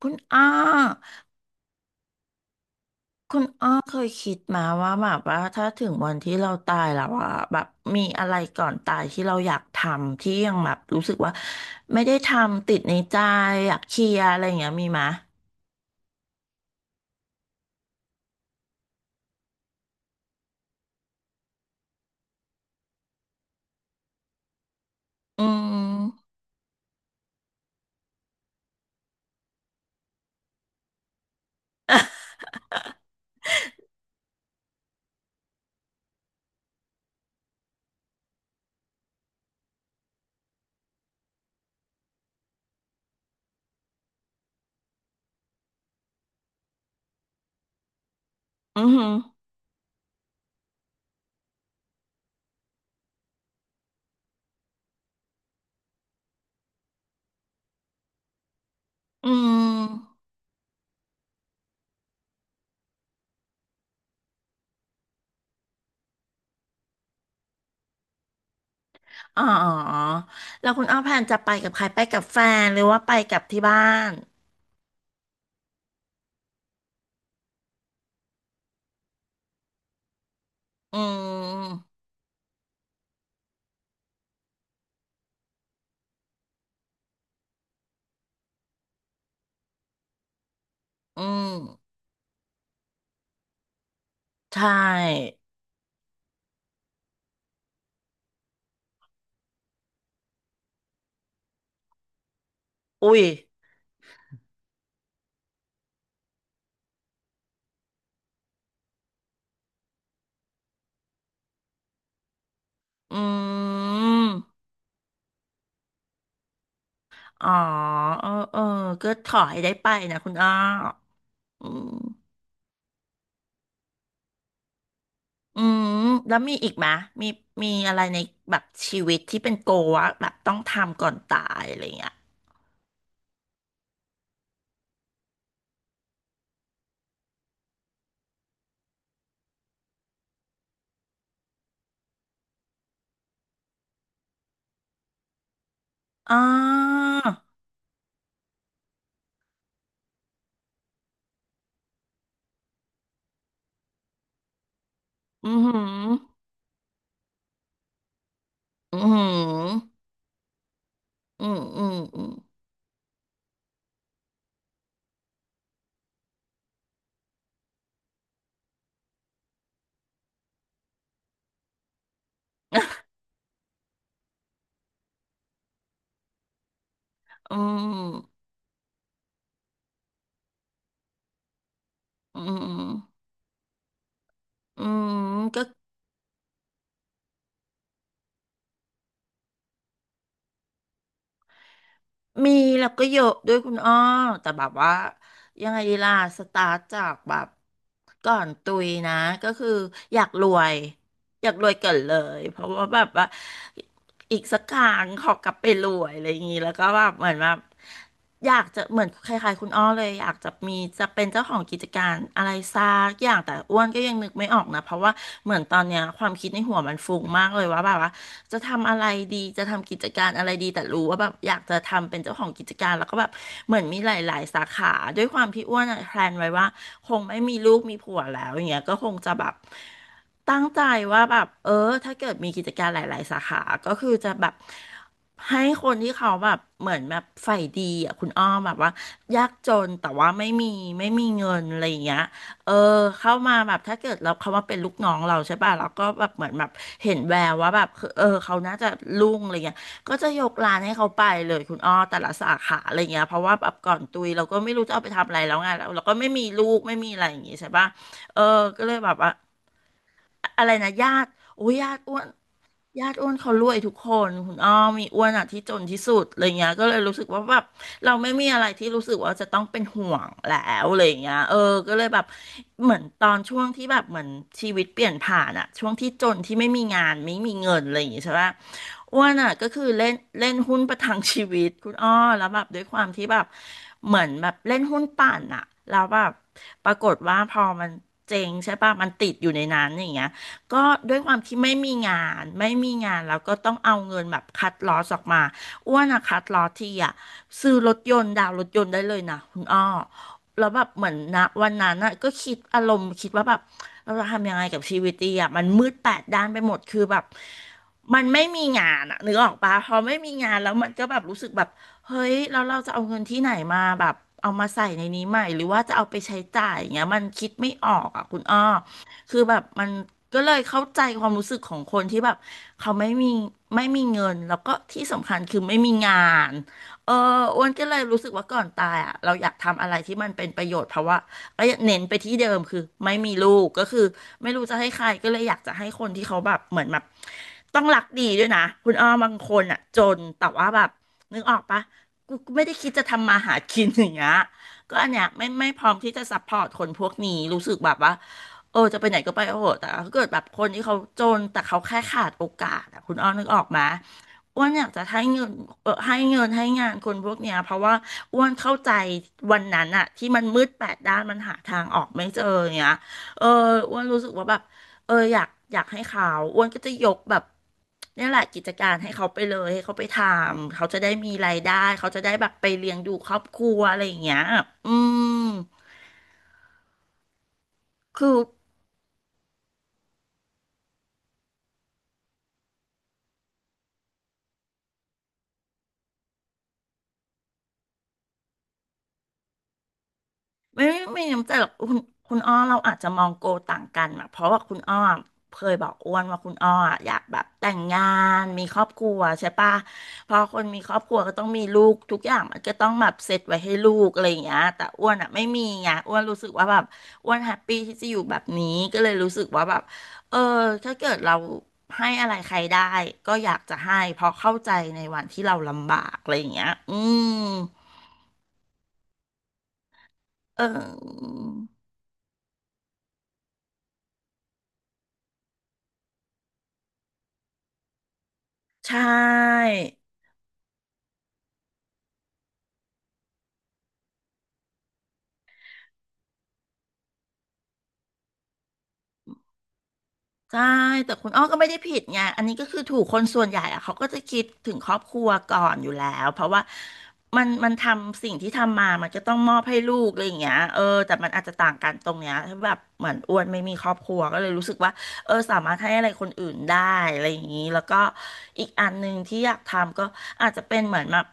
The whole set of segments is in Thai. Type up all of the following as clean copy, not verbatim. คุณอ้อเคยคิดมาว่าแบบว่าถ้าถึงวันที่เราตายแล้วอะแบบมีอะไรก่อนตายที่เราอยากทำที่ยังแบบรู้สึกว่าไม่ได้ทำติดในใจอยากเคลียร์อะไรอย่างเงี้ยมีไหมอืมอือหืออืมอ๋อแล้วคุณอ้อแพนจะไปกับใครไปกับแฟนหรือว่าไปกับที่บ้านอืมอืมใช่อุ้ยอืม อ๋อเออเออก็ขอให้ได้ไปนะคุณอ้ออืมอืมแล้วมีอีกไหมมีมีอะไรในแบบชีวิตที่เป็นโกวะแบบต้องทำก่อนตายอะไรเงี้ยอ๋ออืมหืมอืมหืมอืมอืมอืมอืมอืมอืมก็มีแล้วก็เยอะด้วยคุณอ้อแต่แบบว่ายังไงดีล่ะสตาร์ทจากแบบก่อนตุยนะก็คืออยากรวย อยากรวยเก่อนเลยเพราะว่าแบบว่าอีกสักครั้งขอกลับไปรวยอะไรอย่างนี้แล้วก็แบบเหมือนแบบอยากจะเหมือนคล้ายๆคุณอ้อเลยอยากจะมีจะเป็นเจ้าของกิจการอะไรสักอย่างแต่อ้วนก็ยังนึกไม่ออกนะเพราะว่าเหมือนตอนเนี้ยความคิดในหัวมันฟุ้งมากเลยว่าแบบว่าจะทำอะไรดีจะทำกิจการอะไรดีแต่รู้ว่าแบบอยากจะทำเป็นเจ้าของกิจการแล้วก็แบบเหมือนมีหลายๆสาขาด้วยความที่อ้วนอะแพลนไว้ว่าคงไม่มีลูกมีผัวแล้วอย่างเงี้ยก็คงจะแบบ ตั้งใจว่าแบบเออถ้าเกิดมีกิจการหลายๆสาขาก็คือจะแบบให้คนที่เขาแบบเหมือนแบบใฝ่ดีอ่ะคุณอ้อมแบบว่ายากจนแต่ว่าไม่มีเงินอะไรอย่างเงี้ยเออเข้ามาแบบถ้าเกิดเราเขามาเป็นลูกน้องเราใช่ป่ะเราก็แบบเหมือนแบบเห็นแววว่าแบบคือเออเขาน่าจะรุ่งอะไรเงี้ยก็จะยกร้านให้เขาไปเลยคุณอ้อแต่ละสาขาอะไรเงี้ยเพราะว่าแบบก่อนตุยเราก็ไม่รู้จะเอาไปทำอะไรแล้วไงเราก็ไม่มีลูกไม่มีอะไรอย่างงี้ใช่ป่ะเออก็เลยแบบว่า อะไรนะญาติโอ้ยญาติอ้วนเขารวยทุกคนคุณอ้อมมีอ้วนอ่ะที่จนที่สุดอะไรเงี้ยก็เลยรู้สึกว่าแบบเราไม่มีอะไรที่รู้สึกว่าจะต้องเป็นห่วงแล้วอะไรเงี้ยเออก็เลยแบบเหมือนตอนช่วงที่แบบเหมือนชีวิตเปลี่ยนผ่านอ่ะช่วงที่จนที่ไม่มีงานไม่มีเงินอะไรอย่างงี้ใช่ปะอ้วนอ่ะก็คือเล่นเล่นหุ้นประทังชีวิตคุณอ้อแล้วแบบด้วยความที่แบบเหมือนแบบเล่นหุ้นปั่นอ่ะแล้วแบบปรากฏว่าพอมันเจ๊งใช่ปะมันติดอยู่ในนั้นอย่างเงี้ย ก็ด้วยความที่ไม่มีงานไม่มีงานแล้วก็ต้องเอาเงินแบบคัดลอสออกมาอ้วนอะคัดลอสทีอะซื้อรถยนต์ดาวน์รถยนต์ได้เลยนะคุณอ้อแล้วแบบเหมือนนะวันนั้นอะก็คิดอารมณ์คิดว่าแบบเราจะทำยังไงกับชีวิตดีอ่ะมันมืดแปดด้านไปหมดคือแบบมันไม่มีงานอ่ะนึกออกปะพอไม่มีงานแล้วมันก็แบบรู้สึกแบบเฮ้ยแล้วเราจะเอาเงินที่ไหนมาแบบเอามาใส่ในนี้ใหม่หรือว่าจะเอาไปใช้จ่ายอย่างเงี้ยมันคิดไม่ออกอ่ะคุณอ้อ คือแบบมันก็เลยเข้าใจความรู้สึกของคนที่แบบเขาไม่มีเงินแล้วก็ที่สำคัญคือไม่มีงานเอออ้วนก็เลยรู้สึกว่าก่อนตายอ่ะเราอยากทำอะไรที่มันเป็นประโยชน์เพราะว่าก็เน้นไปที่เดิมคือไม่มีลูกก็คือไม่รู้จะให้ใครก็เลยอยากจะให้คนที่เขาแบบเหมือนแบบต้องรักดีด้วยนะคุณอ้อบางคนอ่ะจนแต่ว่าแบบนึกออกปะกูไม่ได้คิดจะทำมาหากินอย่างเงี้ยก็อันเนี้ยไม่พร้อมที่จะซัพพอร์ตคนพวกนี้รู้สึกแบบว่า เออจะไปไหนก็ไปเออแต่ถ้าเกิดแบบคนที่เขาจนแต่เขาแค่ขาดโอกาสอะคุณอ้อนึกออกมาอ้วนอยากจะให้เงินเออให้เงินให้งานคนพวกเนี้ยเพราะว่าอ้วนเข้าใจวันนั้นอะที่มันมืดแปดด้านมันหาทางออกไม่เจอเนี้ยเอออ้วนรู้สึกว่าแบบเอออยากให้เขาอ้วนก็จะยกแบบเนี่ยแหละกิจการให้เขาไปเลยให้เขาไปทำเขาจะได้มีรายได้เขาจะได้แบบไปเลี้ยงดูครอบครัวอะไรอย่างเงี้ยอืมคือ ไม่น้ำใจหรอกคุณคุณอ้อเราอาจจะมองโกต่างกันอะเพราะว่าคุณอ้อเคยบอกอ้วนว่าคุณอ้ออะอยากแบบแต่งงานมีครอบครัวใช่ปะพอคนมีครอบครัวก็ต้องมีลูกทุกอย่างมันก็ต้องแบบเสร็จไว้ให้ลูกอะไรอย่างเงี้ยแต่อ้วนอะไม่มีไงอ้วนรู้สึกว่าแบบอ้วนแฮปปี้ที่จะอยู่แบบนี้ก็เลยรู้สึกว่าแบบเออถ้าเกิดเราให้อะไรใครได้ก็อยากจะให้เพราะเข้าใจในวันที่เราลำบากอะไรอย่างเงี้ยอืมเออใช่ ใช่แต่คุณอ้อก็ไม่ได้ผิดไงอันนี้ก็คือถูกคนส่วนใหญ่อะเขาก็จะคิดถึงครอบครัวก่อนอยู่แล้วเพราะว่ามันทำสิ่งที่ทำมามันก็ต้องมอบให้ลูกอะไรอย่างเงี้ยเออแต่มันอาจจะต่างกันตรงเนี้ยแบบเหมือนอ้วนไม่มีครอบครัวก็เลยรู้สึกว่าเออสามารถให้อะไรคนอื่นได้อะไรอย่างนี้แล้วก็อีกอันหนึ่งที่อยากทำก็อาจจะเป็นเหมือนแบบ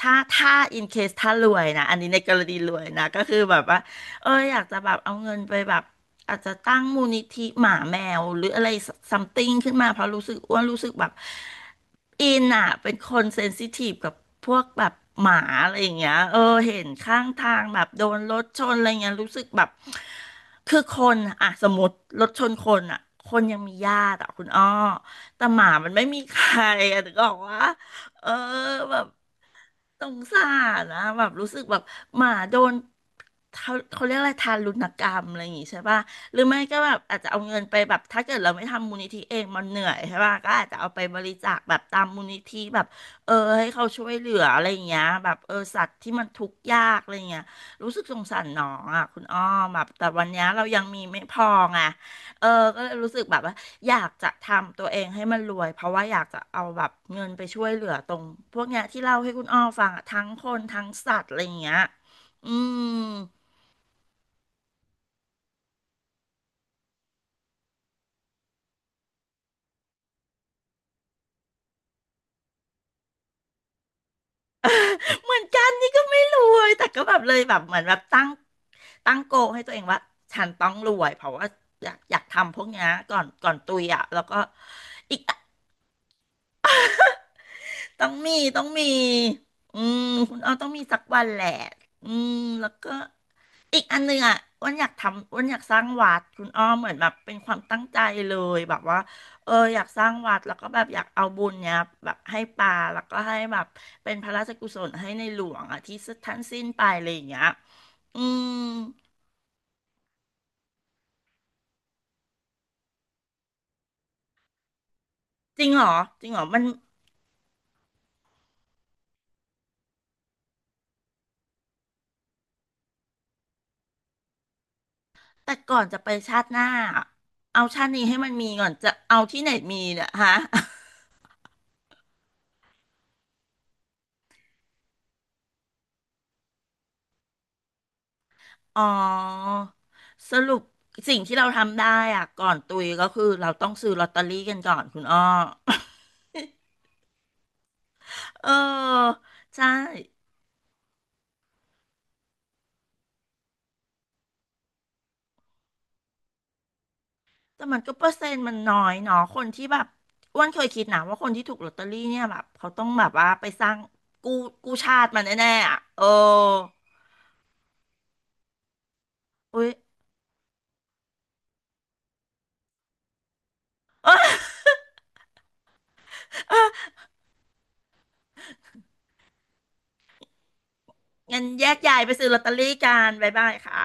ถ้า in case ถ้ารวยนะอันนี้ในกรณีรวยนะก็คือแบบว่า เอออยากจะแบบเอาเงินไปแบบอาจจะตั้งมูลนิธิหมาแมวหรืออะไรซัมติงขึ้นมาเพราะรู้สึกอ้วนรู้สึกแบบอินอ่ะเป็นคนเซนซิทีฟกับพวกแบบหมาอะไรอย่างเงี้ยเออเห็นข้างทางแบบโดนรถชนอะไรเงี้ยรู้สึกแบบคือคนอ่ะสมมติรถชนคนอ่ะคนยังมีญาติอ่ะคุณอ้อแต่หมามันไม่มีใครอ่ะถึงบอกว่า เออแบบสงสารนะแบบรู้สึกแบบหมาโดนเขาเรียกอะไรทารุณกรรมอะไรอย่างงี้ใช่ป่ะหรือไม่ก็แบบอาจจะเอาเงินไปแบบถ้าเกิดเราไม่ทำมูลนิธิเองมันเหนื่อยใช่ป่ะก็อาจจะเอาไปบริจาคแบบตามมูลนิธิแบบเออให้เขาช่วยเหลืออะไรอย่างเงี้ยแบบเออสัตว์ที่มันทุกข์ยากอะไรอย่างเงี้ยรู้สึกสงสารน้องอ่ะคุณอ้อมแบบแต่วันเนี้ยเรายังมีไม่พอไง เออก็เลยรู้สึกแบบว่าอยากจะทำตัวเองให้มันรวยเพราะว่าอยากจะเอาแบบเงินไปช่วยเหลือตรงพวกเนี้ยที่เล่าให้คุณอ้อฟังอะทั้งคนทั้งสัตว์อะไรอย่างเงี้ยอืม เหมือนกันนี่ก็ไม่รวยแต่ก็แบบเลยแบบเหมือนแบบตั้งโกลให้ตัวเองว่าฉันต้องรวยเพราะว่าอยากทำพวกเนี้ยก่อนตุยอ่ะแล้วก็อีก ต้องมีอืมคุณอ้อต้องมีสักวันแหละอืมแล้วก็ อีกอันหนึงอ่ะอ้วันอยากทำอ้วันอยากสร้างวัดคุณอ้อมเหมือนแบบเป็นความตั้งใจเลยแบบว่าเอออยากสร้างวัดแล้วก็แบบอยากเอาบุญเนี้ยแบบให้ป่าแล้วก็ให้แบบเป็นพระราชกุศลให้ในหลวงอ่ะที่ท่านสิ้นไปอะไรอย่างเงี้ยอืมจริงเหรอจริงเหรอมันแต่ก่อนจะไปชาติหน้าอะเอาชาตินี้ให้มันมีก่อนจะเอาที่ไหนมีเนี่ยฮะ อ๋อสรุปสิ่งที่เราทำได้อ่ะก่อนตุยก็คือเราต้องซื้อลอตเตอรี่กันก่อนคุณอ้อ เออใช่แต่มันก็เปอร์เซ็นต์มันน้อยเนาะคนที่แบบอ้วนเคยคิดนะว่าคนที่ถูกลอตเตอรี่เนี่ยแบบเขาต้องแบบว่าไปสร้างกู้กู้ชาติมาแน่ๆอ่ะเอออุ้ยงั้นแยกย้ายไปซื้อลอตเตอรี่กันบ๊ายบายค่ะ